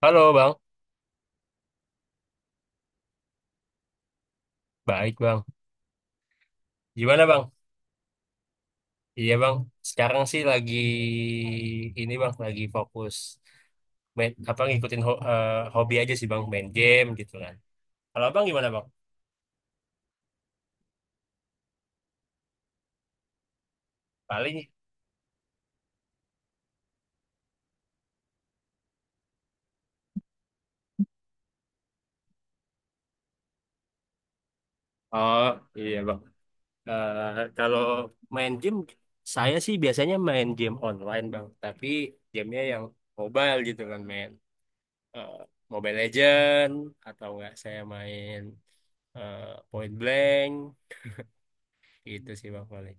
Halo Bang, baik Bang. Gimana Bang? Iya Bang, sekarang sih lagi ini Bang, lagi fokus main, apa ngikutin hobi aja sih Bang, main game gitu kan. Kalau Bang gimana Bang? Paling oh iya Bang. Eh, kalau main game saya sih biasanya main game online Bang, tapi gamenya yang mobile gitu kan main eh, Mobile Legend atau enggak saya main eh, Point Blank gitu sih Bang paling.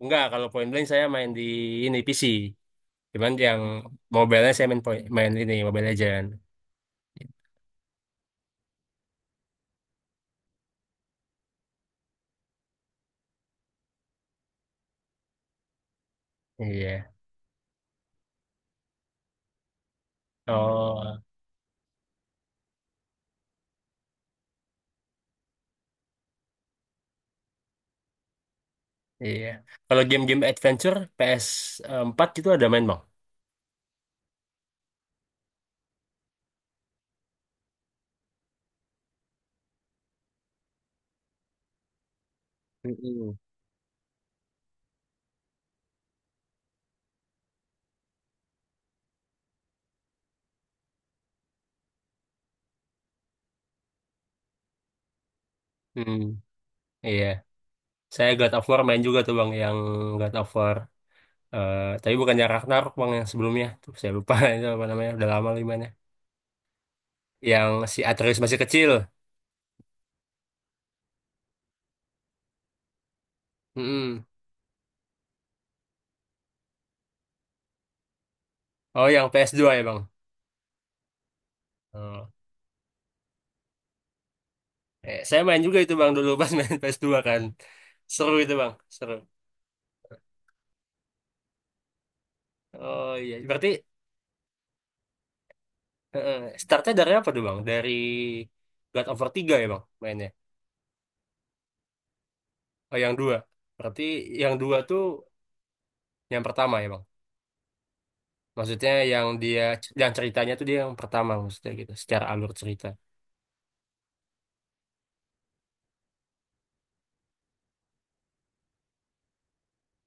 Enggak, kalau Point Blank saya main di ini PC. Cuman yang mobile saya main point, main ini Mobile Legend. Iya. Oh, iya. Kalau game-game adventure ps empat itu ada main, Bang? Mm-mm. Hmm, iya. Saya God of War main juga tuh, Bang, yang God of War. Eh, tapi bukannya Ragnarok, Bang, yang sebelumnya. Tuh, saya lupa itu apa namanya, udah lama lagi mainnya. Yang si Atreus masih kecil. Mm-mm. Oh, yang ps dua ya, Bang? Oh. Eh, saya main juga itu bang dulu pas main ps dua kan. Seru itu bang, seru. Oh iya, berarti eh, eh, startnya dari apa tuh bang? Dari God of War 3 ya bang mainnya? Oh yang dua. Berarti yang dua tuh yang pertama ya bang? Maksudnya yang dia, yang ceritanya tuh dia yang pertama maksudnya gitu, secara alur cerita.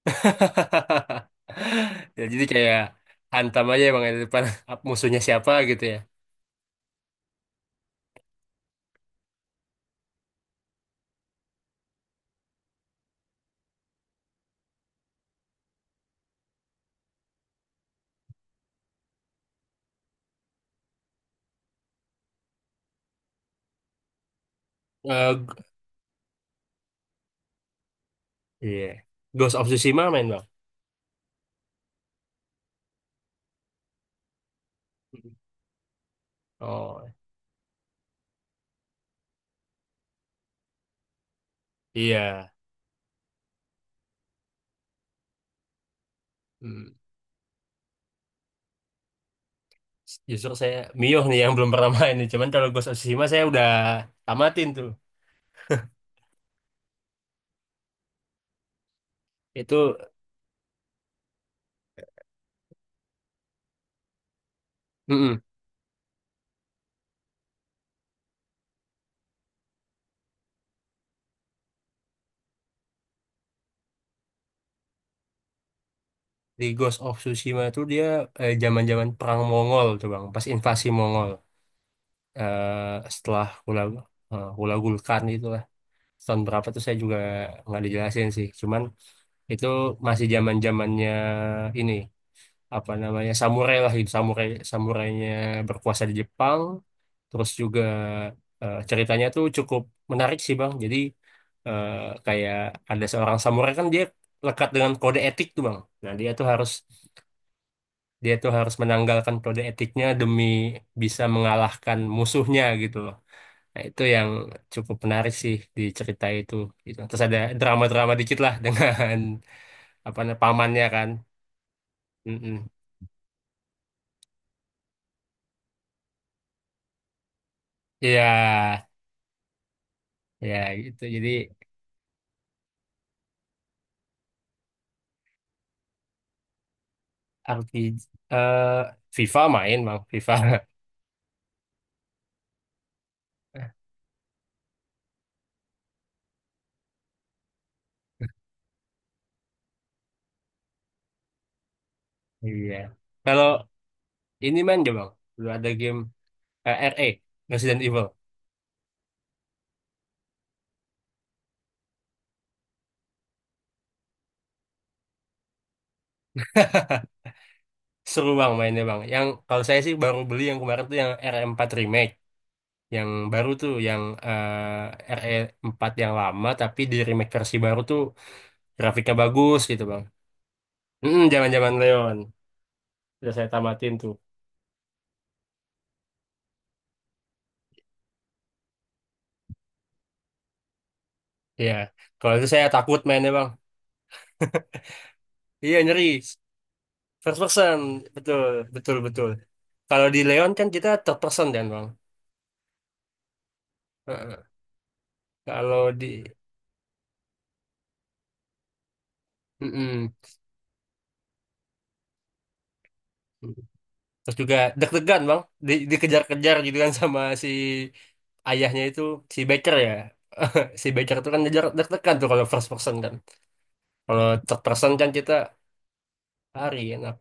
Ya, jadi kayak hantam aja ya bang di depan musuhnya siapa gitu ya. Eh, g- Iya. Ghost of Tsushima main bang? Oh iya. Hmm. Justru saya Mio nih yang belum pernah main nih. Cuman kalau Ghost of Tsushima saya udah tamatin tuh. Itu mm-mm. Di Ghost of Tsushima tuh dia zaman-zaman perang Mongol tuh bang, pas invasi Mongol. Eh, setelah Hula Hula Gulkan itulah tahun berapa tuh saya juga nggak dijelasin sih. Cuman itu masih zaman-zamannya ini. Apa namanya samurai lah gitu samurai samurainya berkuasa di Jepang terus juga ceritanya tuh cukup menarik sih bang jadi eh, kayak ada seorang samurai kan dia lekat dengan kode etik tuh bang nah dia tuh harus menanggalkan kode etiknya demi bisa mengalahkan musuhnya gitu loh nah itu yang cukup menarik sih di cerita itu gitu terus ada drama-drama dikit lah dengan apa namanya pamannya kan. Mm-mm. Iya ya gitu jadi RPG eh FIFA main bang FIFA. Iya. Kalau ini main gak bang dulu ada game RE Resident Evil seru bang mainnya bang yang kalau saya sih baru beli yang kemarin tuh yang RE4 remake yang baru tuh yang RE4 yang lama tapi di remake versi baru tuh grafiknya bagus gitu bang. Mm, zaman-zaman Leon udah saya tamatin tuh. Iya, kalau itu saya takut mainnya bang. Iya nyeri, first person, betul, betul, betul. Kalau di Leon kan kita third person kan bang. Heeh. Kalau di mm-mm. Terus juga deg-degan bang, di, dikejar-kejar gitu kan sama si ayahnya itu si Baker ya. Si Baker itu kan ngejar deg-degan tuh kalau first person kan. Kalau third person kan kita lari enak.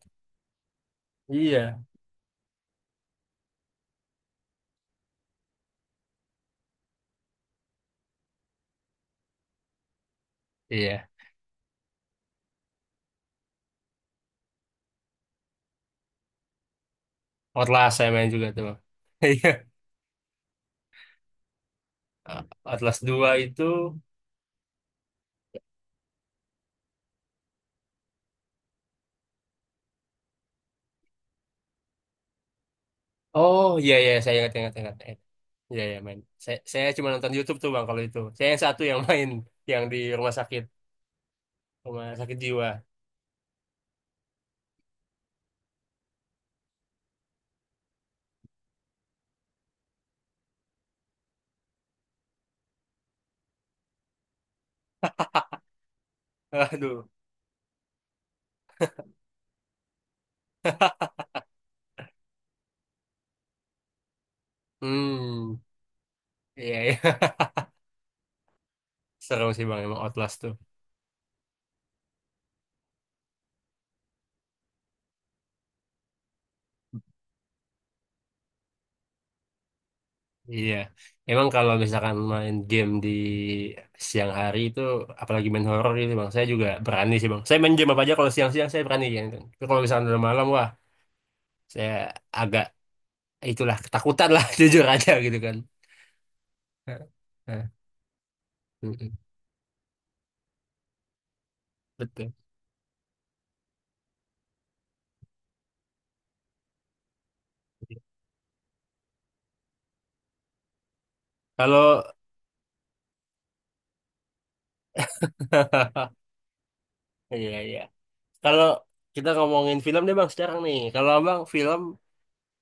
Iya, iya. Outlast saya main juga tuh bang. Iya. Atlas 2 itu oh iya iya saya ingat. Iya iya main. Saya cuma nonton YouTube tuh bang kalau itu. Saya yang satu yang main yang di rumah sakit. Rumah sakit jiwa. Aduh. Hmm, iya, iya. Seru sih bang, emang Outlast tuh. Iya. Emang kalau misalkan main game di siang hari itu, apalagi main horor gitu bang, saya juga berani sih bang. Saya main game apa aja kalau siang-siang saya berani gitu. Tapi kalau misalkan udah malam, wah, saya agak itulah ketakutan lah jujur aja gitu kan. Heeh. Heeh. Mm-mm. Betul. Kalau iya iya. Kalau kita ngomongin film deh bang sekarang nih. Kalau abang film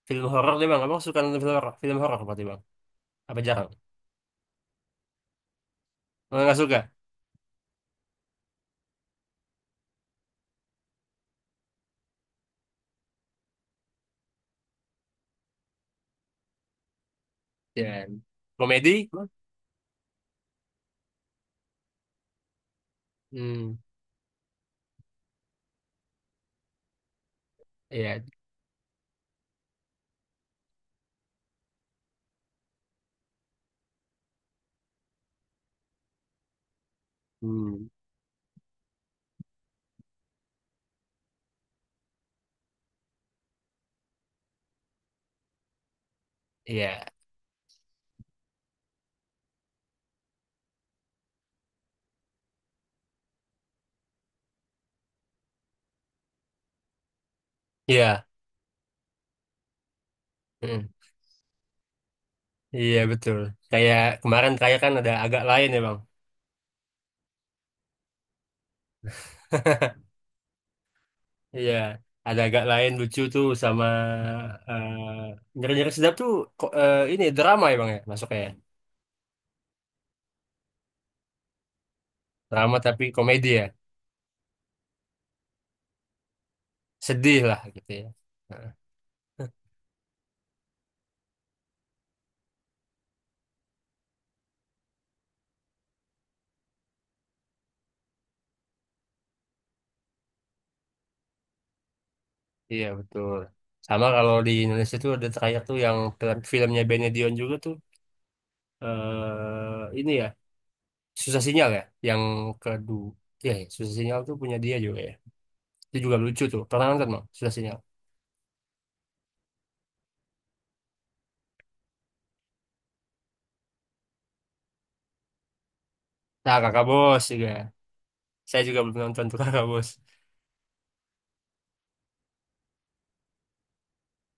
film horor deh bang, abang suka nonton film horor? Film horor berarti bang? Apa jarang? Oh, nggak suka? Ya. Komedi? Bang? Hmm, iya. Hmm, iya. Iya. Hmm. Iya betul. Kayak kemarin kayak kan ada agak lain ya bang. Iya. Ada agak lain lucu tuh sama eh nyeri-nyeri sedap tuh ini drama ya bang ya masuknya. Ya? Drama tapi komedi ya. Sedih lah gitu ya. Nah, iya betul. Sama kalau di Indonesia tuh ada terakhir tuh yang filmnya Benedion juga tuh. Eh ini ya susah sinyal ya yang kedua ya, ya, susah sinyal tuh punya dia juga ya itu juga lucu tuh pernah nonton bang susah sinyal nah kakak bos juga saya juga belum nonton tuh kakak bos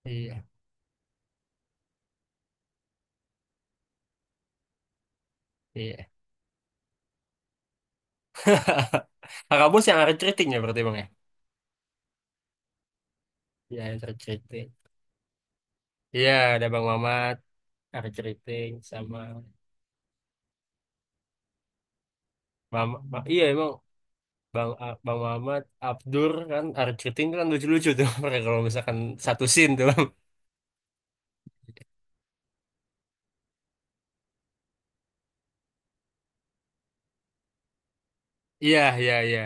iya iya. Kakak bos yang ada Riting ya berarti bang ya iya yang ada Riting iya ada bang Mamat Arif Riting sama iya emang Bang Mamat Abdur kan Arif Riting kan lucu-lucu tuh mereka kalau misalkan satu scene tuh Bang. Iya iya iya.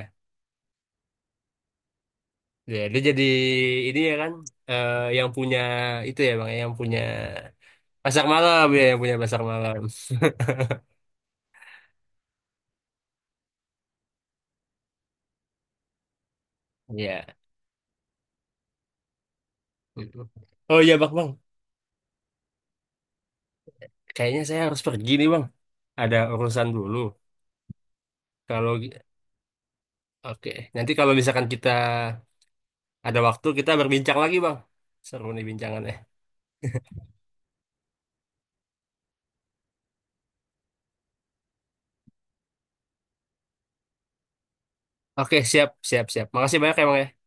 Ya, dia jadi ini ya kan yang punya itu ya bang, ya, yang punya pasar malam ya, yang punya pasar malam. Iya. Mm. Oh iya bang, bang. Kayaknya saya harus pergi nih bang. Ada urusan dulu. Kalau oke, nanti kalau misalkan kita ada waktu kita berbincang lagi bang. Seru nih bincangannya. Oke, siap, siap, siap. Makasih banyak ya bang ya.